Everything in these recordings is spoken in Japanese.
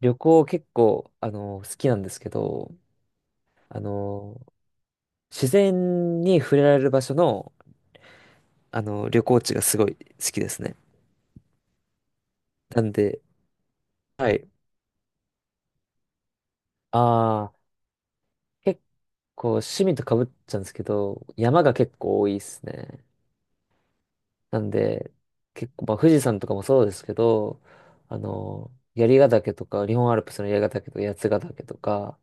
旅行結構、好きなんですけど、あの、自然に触れられる場所の、旅行地がすごい好きですね。なんで、はい。ああ、結構趣味とかぶっちゃうんですけど、山が結構多いですね。なんで、結構、まあ、富士山とかもそうですけど、槍ヶ岳とか、日本アルプスの槍ヶ岳とか、八ヶ岳とか、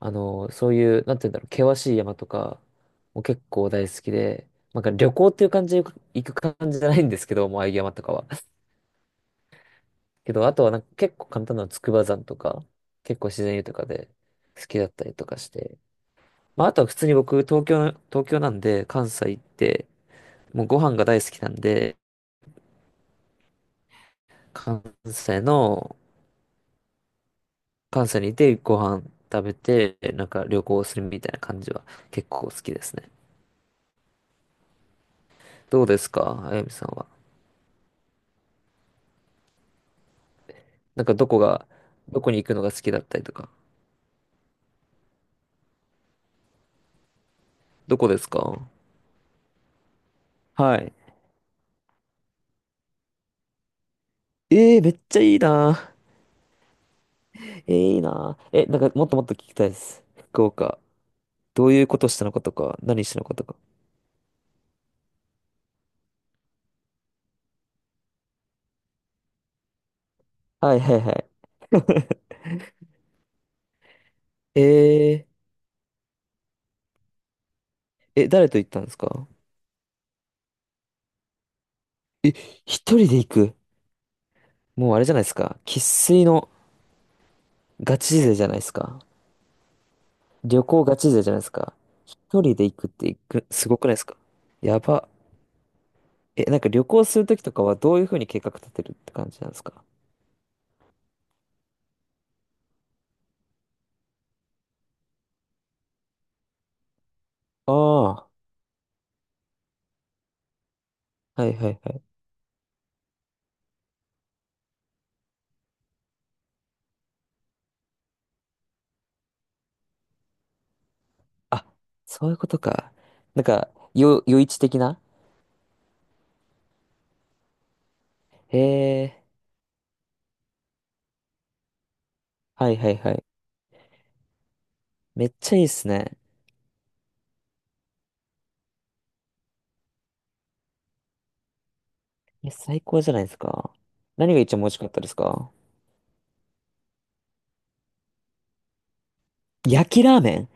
そういう、なんて言うんだろう、険しい山とかも結構大好きで、なんか旅行っていう感じで行く感じじゃないんですけど、もうああいう山とかは。けど、あとはなんか結構簡単な筑波山とか、結構自然豊かで好きだったりとかして。まあ、あとは普通に僕、東京なんで、関西行って、もうご飯が大好きなんで、関西の、関西にいてご飯食べて、なんか旅行するみたいな感じは結構好きですね。どうですか、あやみさんは。なんかどこが、どこに行くのが好きだったりとか。どこですか？はい。えー、めっちゃいいな。えー、いいな。え、なんかもっともっと聞きたいです。福岡。どういうことしたのかとか、何したのかとか。はいはいはい。えー、え、誰と行ったんですか？え、一人で行く。もうあれじゃないですか。生粋のガチ勢じゃないですか。旅行ガチ勢じゃないですか。一人で行くって行く、すごくないですか？やば。え、なんか旅行するときとかはどういうふうに計画立てるって感じなんですか？ああ、はいはいはい。あ、そういうことか。なんか、余市的な。へえ、はいはいはい。めっちゃいいっすね。え、最高じゃないですか。何が一番美味しかったですか？焼きラーメン？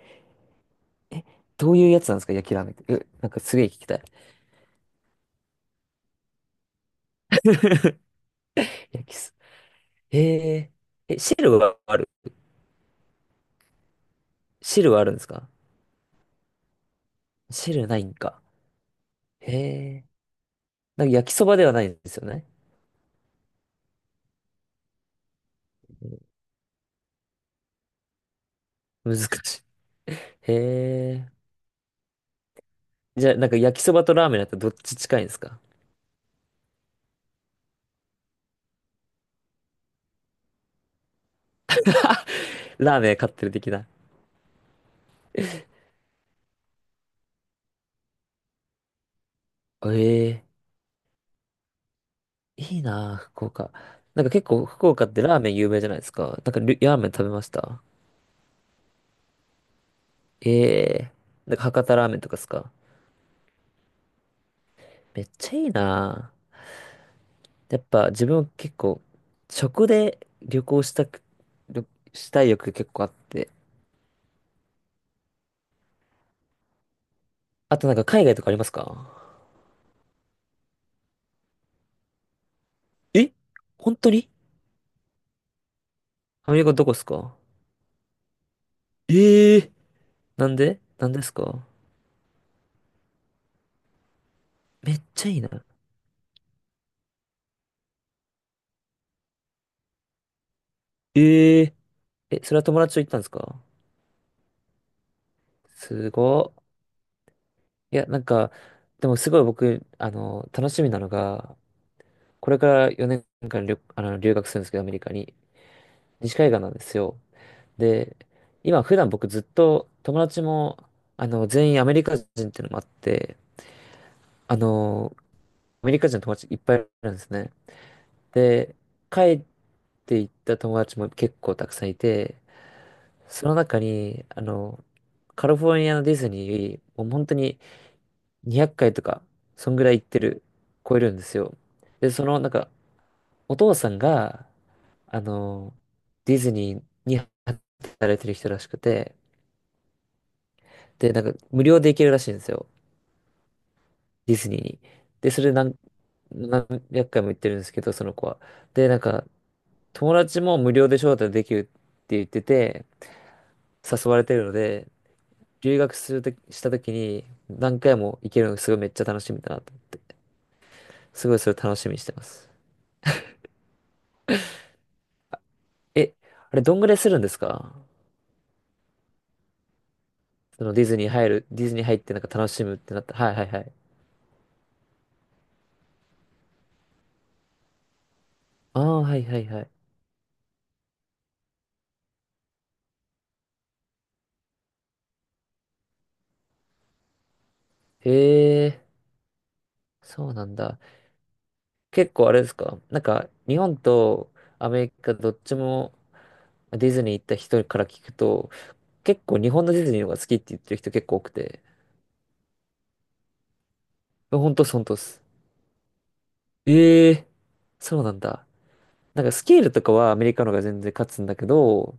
え、どういうやつなんですか焼きラーメンって。え、なんかすげえ聞きたい。焼きす。へえ、え、汁はある？汁はあるんですか？汁ないんか。へえ、なんか焼きそばではないんですよね。難しい。へえ、じゃあなんか焼きそばとラーメンだったらどっち近いんですか？ ラーメン買ってる的な。ええ、いいなあ、福岡。なんか結構福岡ってラーメン有名じゃないですか。なんかりラーメン食べました？ええ、なんか博多ラーメンとかですか？めっちゃいいなあ。やっぱ自分結構食で旅行したく、旅したい欲結構あって。あとなんか海外とかありますか？え、本当に？アメリカどこですか？ええ、なんでなんですか？めっちゃいいな。ええ、え、それは友達と行ったんですか？すごっ。いや、なんか、でもすごい僕、楽しみなのが、これから4年間留、あの、留学するんですけど、アメリカに。西海岸なんですよ。で、今、普段僕ずっと友達も、全員アメリカ人っていうのもあって、あの、アメリカ人の友達いっぱいいるんですね。で、帰って行った友達も結構たくさんいて、その中に、カリフォルニアのディズニー、もう本当に200回とか、そんぐらい行ってる、超えるんですよ。で、その、なんか、お父さんが、あの、ディズニーに働いてる人らしくて、で、なんか、無料で行けるらしいんですよ。ディズニーに。で、それ何、何百回も行ってるんですけど、その子は。で、なんか、友達も無料で招待できるって言ってて、誘われてるので、留学するとき、した時に何回も行けるのがすごいめっちゃ楽しみだなと思って、すごいそれ楽しみにしてます。え、あれ、どんぐらいするんですか？そのディズニー入る、ディズニー入ってなんか楽しむってなった。はいはいはい。ああ、はいはいはい。へえ、そうなんだ。結構あれですかなんか、日本とアメリカどっちもディズニー行った人から聞くと、結構日本のディズニーの方が好きって言ってる人結構多くて。ほんとっす、ほんとっす。ええ、そうなんだ。なんかスケールとかはアメリカの方が全然勝つんだけど、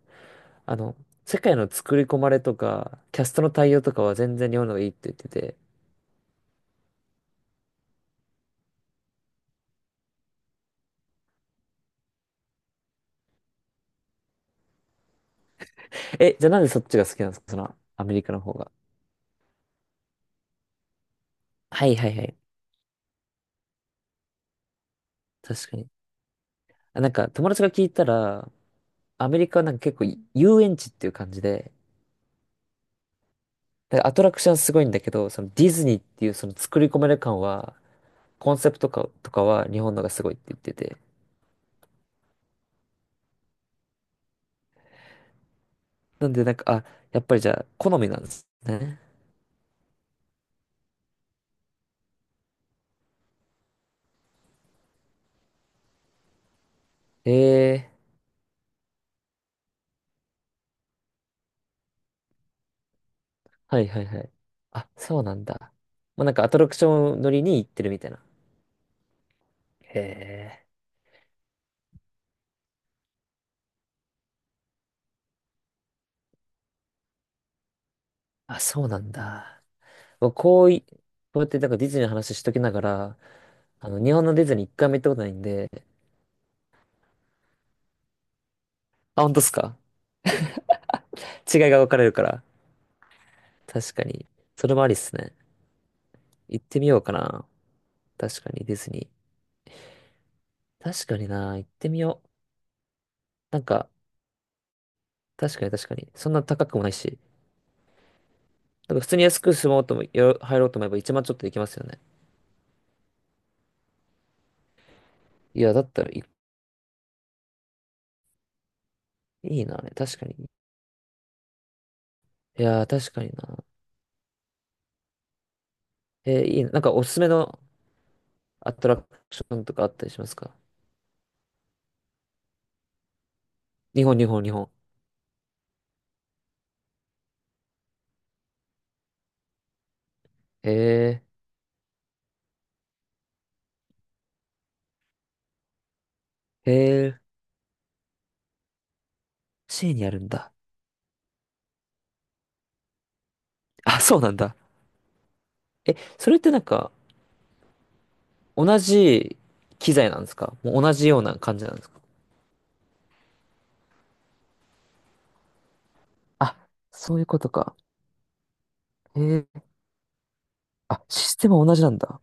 あの、世界の作り込まれとか、キャストの対応とかは全然日本の方がいいって言ってて。え、じゃあなんでそっちが好きなんですか？その、アメリカの方が。はいはいはい。確かに。あ、なんか友達が聞いたら、アメリカはなんか結構遊園地っていう感じで、だからアトラクションすごいんだけど、そのディズニーっていうその作り込める感は、コンセプトか、とかは日本のがすごいって言ってて。なんでなんか、あ、やっぱりじゃあ好みなんですね。ええ、はいはいはい。あ、そうなんだ。まあ、なんかアトラクション乗りに行ってるみたいな。へえ、あ、そうなんだ。こうい、こうやってなんかディズニーの話しときながら、日本のディズニー一回も行ったことないんで、あ、本当っすか？違いが分かれるから。確かに。それもありっすね。行ってみようかな。確かにディズニー。確かにな、行ってみよう。なんか、確かに確かに。そんな高くもないし。なんか普通に安く住もうとも、入ろうと思えば一万ちょっとできますよね。いや、だったらいいな、あれ。確かに。いやー、確かにな。えー、いいな。なんかおすすめのアトラクションとかあったりしますか？日本、日本、日本。えー、へえ、C にあるんだ。あ、そうなんだ。え、それってなんか、同じ機材なんですか？もう同じような感じなんですか？あ、そういうことか。へえ、あ、システムは同じなんだ。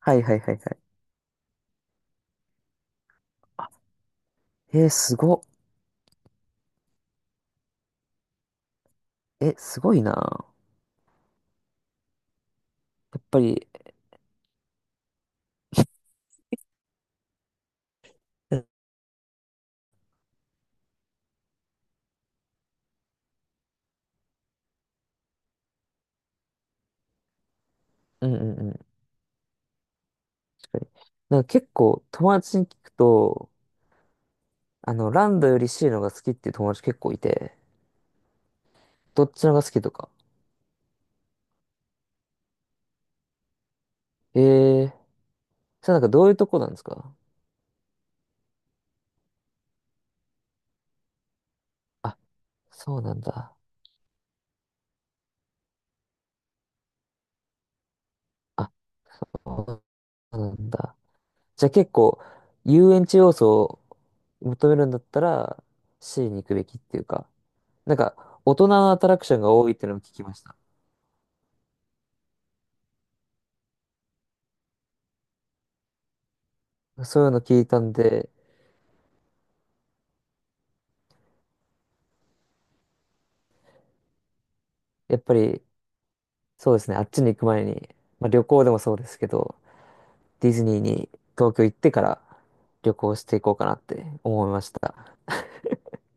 はいはいはいはい。あ、へえ、すご。え、すごいな。やっぱり、うんうんうんうん、確かに。なんか結構友達に聞くと、ランドより C の方が好きっていう友達結構いて、どっちの方が好きとか。へえ、それなんかどういうとこなんですか？あ、そうなんだ。あ、なんだ。じゃあ結構、遊園地要素を求めるんだったら、C に行くべきっていうか、なんか、大人のアトラクションが多いっていうのも聞きました。そういうの聞いたんで、やっぱり、そうですね、あっちに行く前に、まあ旅行でもそうですけど、ディズニーに東京行ってから旅行していこうかなって思いました。